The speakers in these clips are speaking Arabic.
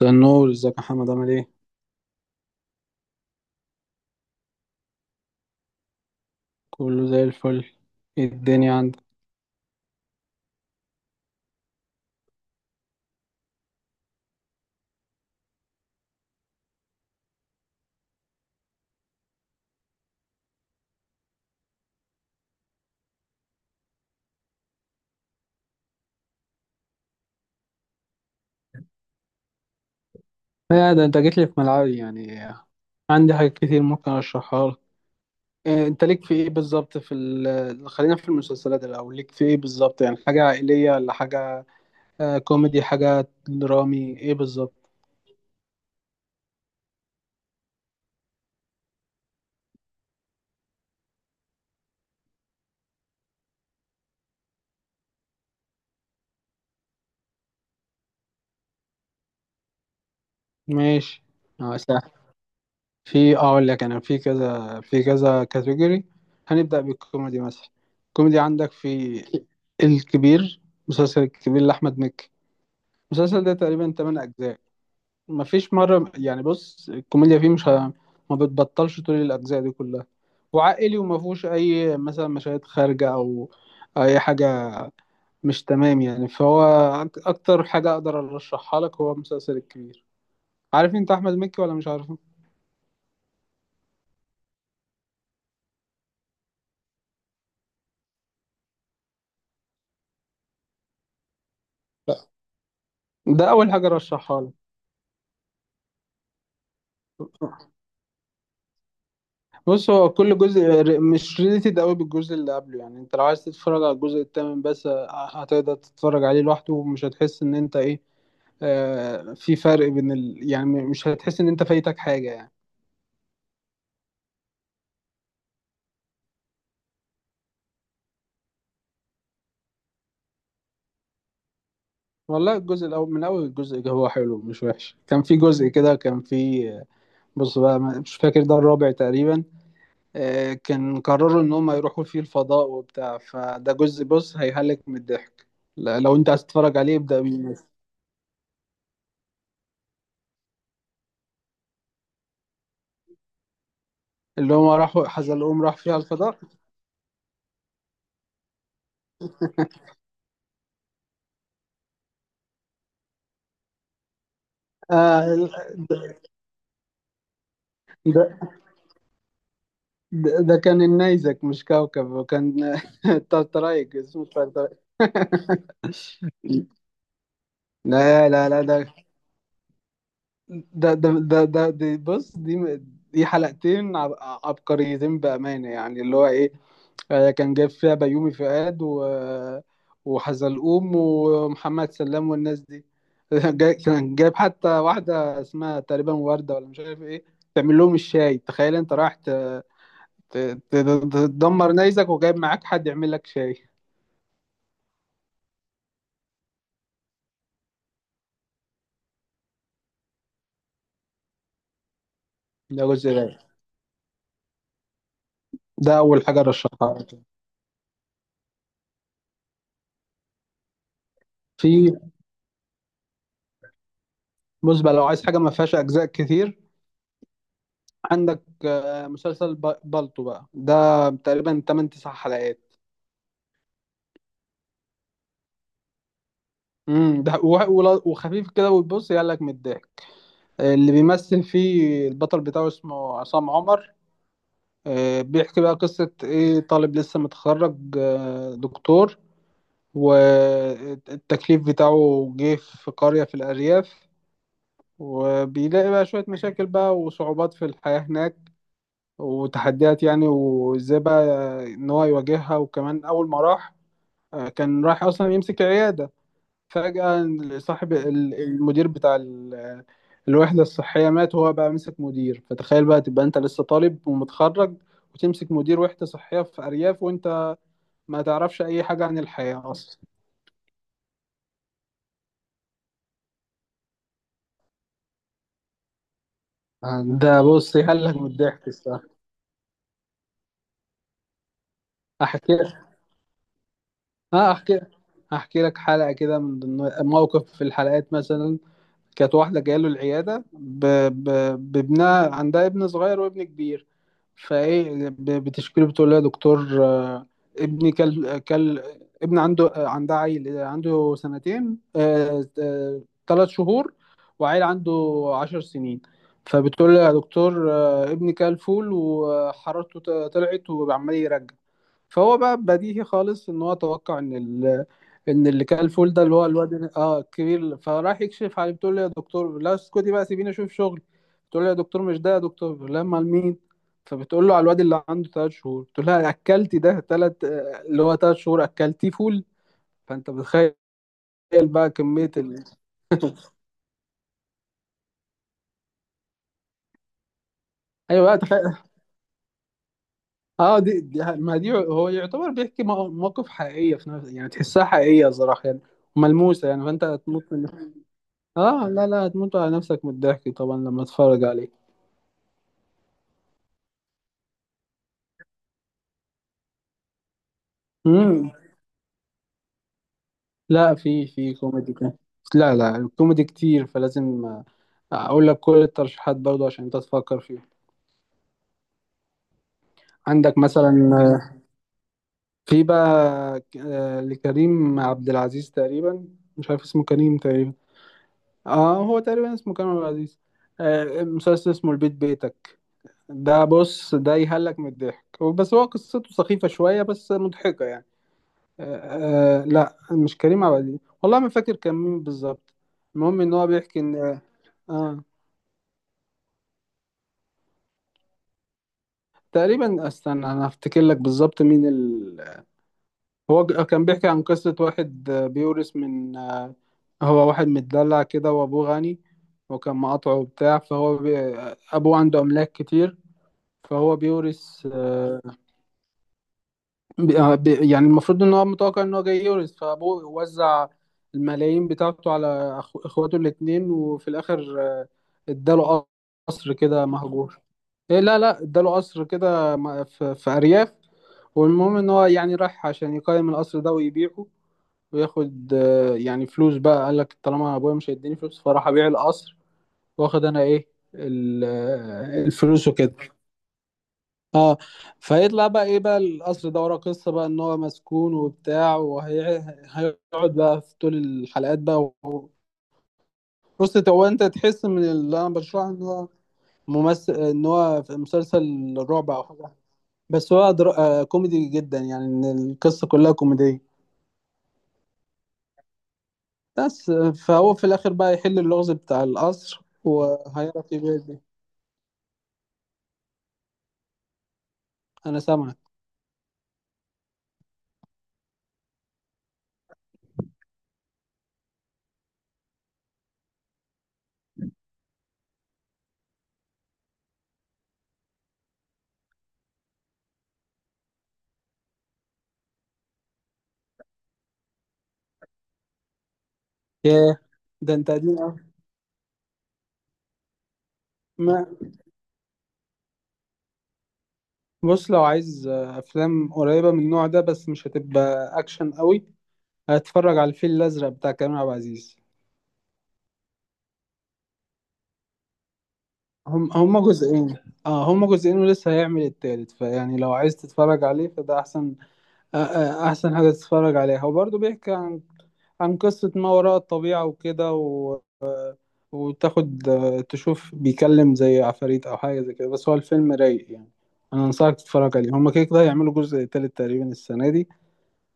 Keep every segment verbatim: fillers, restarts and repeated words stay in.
ده النور. ازيك يا محمد عامل ايه؟ كله زي الفل. ايه الدنيا عندك؟ لا ده انت جيت لي في ملعبي يعني. عندي حاجات كتير ممكن اشرحها لك. إيه، انت ليك في ايه بالظبط في ال- خلينا في المسلسلات الاول. ليك في ايه بالظبط يعني حاجه عائليه ولا حاجه؟ آه، كوميدي حاجه درامي ايه بالظبط؟ ماشي. اه سهل. في اقول لك انا في كذا في كذا كاتيجوري. هنبدا بالكوميدي مثلا. الكوميدي عندك في الكبير. مسلسل الكبير لاحمد مكي. المسلسل ده تقريبا تمانية أجزاء اجزاء. مفيش مره يعني بص الكوميديا فيه مش ه... ما بتبطلش طول الاجزاء دي كلها. وعائلي وما فيهوش اي مثلا مشاهد خارجه او اي حاجه مش تمام يعني. فهو أك- اكتر حاجه اقدر ارشحها لك هو المسلسل الكبير. عارف انت احمد مكي ولا مش عارفه؟ لا ده اول حاجه ارشحها لك. بص هو كل جزء ر- مش ريليتد قوي بالجزء اللي قبله. يعني انت لو عايز تتفرج على الجزء الثامن بس ه- هتقدر تتفرج عليه لوحده ومش هتحس ان انت ايه. آه في فرق بين ال... يعني م- مش هتحس ان انت فايتك حاجة يعني. والله الجزء الاول من اول الجزء ده هو حلو مش وحش. كان في جزء كده، كان في آه، بص بقى ما- مش فاكر، ده الرابع تقريبا. آه كان قرروا ان هم يروحوا فيه الفضاء وبتاع. فده جزء بص هيهلك من الضحك. لا- لو انت عايز تتفرج عليه ابدأ بيه مثلا. اللي هم راحوا حزلقوم راح فيها الفضاء. آه. ده, ده, ده ده كان النيزك مش كوكب، وكان طرطرايق اسمه طرطرايق. لا لا لا. ده ده ده ده, ده دي بص دي. دي حلقتين عب- عبقريتين بأمانة يعني اللي هو إيه. آه، كان جايب فيها بيومي فؤاد و وحزلقوم ومحمد سلام والناس دي. جاي- كان جايب حتى واحدة اسمها تقريبا وردة، ولا مش عارف إيه، تعمل لهم الشاي. تخيل أنت رايح ت- ت- تدمر نيزك وجايب معاك حد يعمل لك شاي. ده جزء. ده ده أول حاجة رشحها لك. في بص بقى لو عايز حاجة ما فيهاش أجزاء كتير، عندك آه، مسلسل ب- بالطو بقى. ده تقريبا تمن 9 حلقات. امم ده و- ولا- وخفيف كده وتبص يقلك من الضحك. اللي بيمثل فيه البطل بتاعه اسمه عصام عمر. آه، بيحكي بقى قصة ايه. طالب لسه متخرج آه، دكتور. والتكليف بتاعه جه في قرية في الأرياف، وبيلاقي بقى شوية مشاكل بقى وصعوبات في الحياة هناك وتحديات يعني. وازاي بقى ان هو يواجهها. وكمان اول ما راح آه، كان راح اصلا يمسك عيادة. فجأة صاحب ال- المدير بتاع ال- الوحدة الصحية مات، وهو بقى مسك مدير. فتخيل بقى، تبقى انت لسه طالب ومتخرج وتمسك مدير وحدة صحية في أرياف، وانت ما تعرفش اي حاجة عن الحياة اصلا. آه، ده بص يهلك من الضحك الصراحة. احكي. اه احكي. احكي لك حلقه كده من ضمن موقف في الحلقات مثلا. كانت واحده جايه له العياده ب... ب... بابنها. عندها ابن صغير وابن كبير. فايه ب... بتشكيله. بتقول له يا دكتور، آه، ابني كل كل ابن عنده آه، عندها عيل آه، عنده سنتين، آه، آه، ثلاثة شهور. وعيل عنده عشر سنين. فبتقول له يا دكتور، آه، ابني كل فول وحرارته ط- طلعت وعمال يرجع. فهو بقى بديهي خالص ان هو توقع ان ال... ان اللي كان الفول ده اللي هو الواد اه الكبير. فراح يكشف عليه. بتقول له يا دكتور لا، اسكتي بقى، سيبيني اشوف شغل. بتقول له يا دكتور مش ده. يا دكتور لا، امال مين؟ فبتقول له على الواد اللي عنده ثلاثة شهور. بتقول لها اكلتي ده ثلاثة، اللي هو ثلاثة شهور اكلتيه فول. فانت بتخيل بقى كمية ال... ايوه بقى تخيل. اه دي, دي ما دي هو يعتبر بيحكي مو- موقف حقيقية في نفس يعني. تحسها حقيقية صراحة يعني ملموسة يعني. فانت هتموت من. اه لا لا هتموت على نفسك من الضحك طبعا لما اتفرج عليه. امم. لا في في كوميدي كان لا لا، الكوميدي كتير فلازم آه، اقول لك كل الترشيحات برضه عشان انت تفكر فيها. عندك مثلا آه، في بقى آه، لكريم عبد العزيز تقريبا. مش عارف اسمه كريم تقريبا. اه هو تقريبا اسمه كريم عبد العزيز. آه، مسلسل اسمه البيت بيتك. ده بص ده يهلك من الضحك، بس هو قصته سخيفة شوية بس مضحكة يعني. آه لا مش كريم عبد العزيز، والله ما فاكر كان مين بالظبط. المهم ان هو بيحكي ان اه تقريبا. استنى انا افتكر لك بالظبط مين ال... هو ج- كان بيحكي عن قصة واحد آه، بيورث من آه. هو واحد متدلع كده وابوه غني، وكان مقاطعه وبتاع. فهو بي... آه، ابوه عنده املاك كتير. فهو بيورث آه، ب- آه، ب- يعني المفروض ان هو متوقع ان هو جاي يورث. فابوه وزع الملايين بتاعته على أخو- اخواته الاتنين. وفي الاخر آه، اداله قصر كده مهجور. إيه لا لا، اداله قصر كده م- في في ارياف. والمهم ان هو يعني راح عشان يقيم القصر ده ويبيعه وياخد آه، يعني فلوس بقى. قال لك طالما ابويا مش هيديني فلوس فراح ابيع القصر. واخد انا ايه ال- آه، الفلوس وكده. اه فيطلع بقى ايه بقى القصر ده وراه قصه بقى ان هو مسكون وبتاع. وهيقعد بقى في طول الحلقات بقى و... بص انت- هو انت تحس من اللي انا بشرحه ان هو ممثل ان هو في مسلسل رعب او حاجه. بس هو در... آه كوميدي جدا يعني. ان القصه كلها كوميديه. بس آه، فهو في الاخر بقى يحل اللغز بتاع القصر. وهيعرف يبيع دي. انا سامعك. ياه ده انت قديم قوي. بص لو عايز آه، افلام قريبه من النوع ده، بس مش هتبقى اكشن قوي. هتفرج على الفيل الازرق بتاع كريم عبد العزيز. هم هما جزئين. اه هما جزئين ولسه هيعمل التالت. فيعني لو عايز تتفرج عليه فده احسن. آه، آه، احسن حاجه تتفرج عليها. هو برضه بيحكي عن عن قصه ما وراء الطبيعه وكده و... وتاخد آه، تشوف بيكلم زي عفاريت او حاجه زي كده. بس هو الفيلم رايق يعني. انا انصحك تتفرج عليه. هما كده كده هيعملوا جزء تالت تقريبا السنه دي.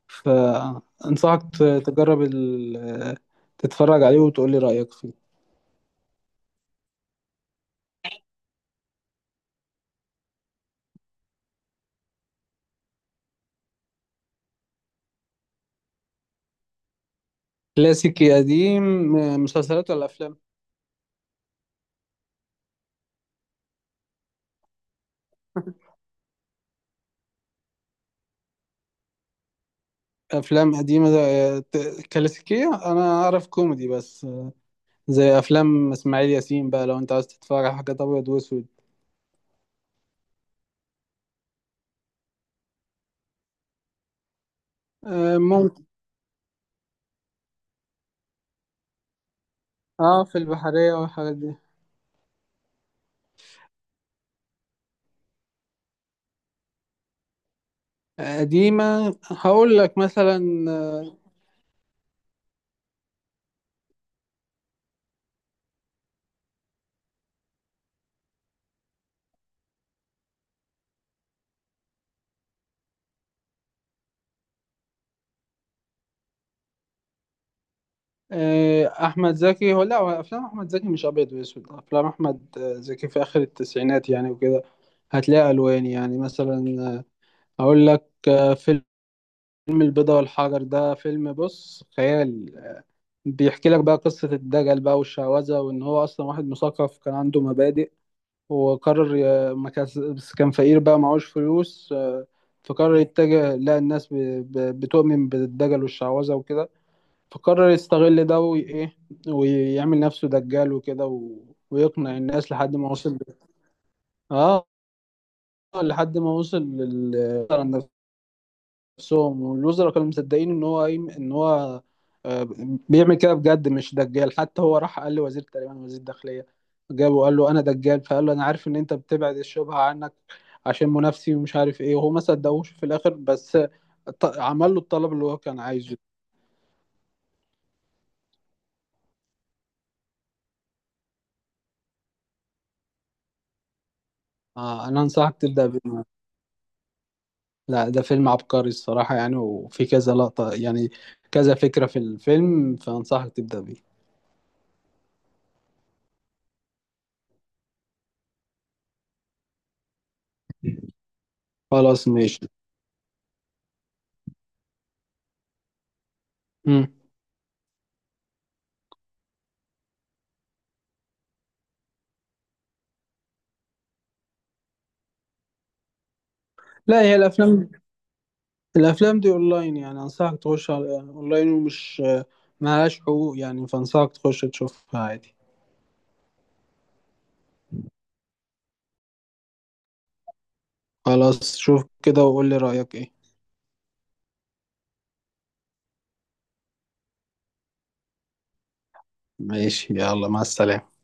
فأنصحك ت- تجرب ال... تتفرج عليه وتقول لي رأيك فيه. كلاسيكي قديم؟ مسلسلات ولا أفلام؟ أفلام قديمة ده- ت- كلاسيكية. أنا أعرف كوميدي بس، زي أفلام إسماعيل ياسين بقى، لو أنت عايز تتفرج على حاجات أبيض وأسود. آه، ممكن. اه في البحرية والحاجات دي. قديمة هقول لك مثلا آه، احمد زكي. هو لا هو افلام احمد زكي مش ابيض واسود. افلام احمد آه، زكي في اخر التسعينات يعني وكده هتلاقي الوان. يعني مثلا آه، اقول لك آه، فيلم البيضة والحجر. ده فيلم بص خيال. بيحكي لك بقى قصة الدجل بقى والشعوذة، وان هو اصلا واحد مثقف كان عنده مبادئ. وقرر ي- ما كان، بس كان فقير بقى معهوش فلوس. آه، فقرر يتجه لا الناس ب- ب- بتؤمن بالدجل والشعوذة وكده. فقرر يستغل ده وي- ايه ويعمل نفسه دجال وكده و... ويقنع الناس لحد ما وصل اه لحد ما وصل لل نفسهم. والوزراء كانوا مصدقين ان هو ايه، ان هو آه، بيعمل كده بجد مش دجال. حتى هو راح قال لوزير تقريبا وزير الداخلية. جابه وقال له انا دجال. فقال له انا عارف ان انت بتبعد الشبهة عنك عشان منافسي ومش عارف ايه. وهو ما صدقوش في الاخر. بس ط- عمل له الطلب اللي هو كان عايزه. آه، انا انصحك تبدأ بيه. لا ده فيلم عبقري الصراحة يعني. وفي كذا لقطة يعني كذا فكرة في الفيلم. فأنصحك تبدأ بيه. خلاص ماشي. مم. لا هي الأفلام. الأفلام دي أونلاين يعني. أنصحك تخش على أونلاين، ومش ملهاش حقوق يعني. فأنصحك تخش تشوفها عادي. خلاص شوف كده وقول لي رأيك إيه. ماشي، يلا مع السلامة.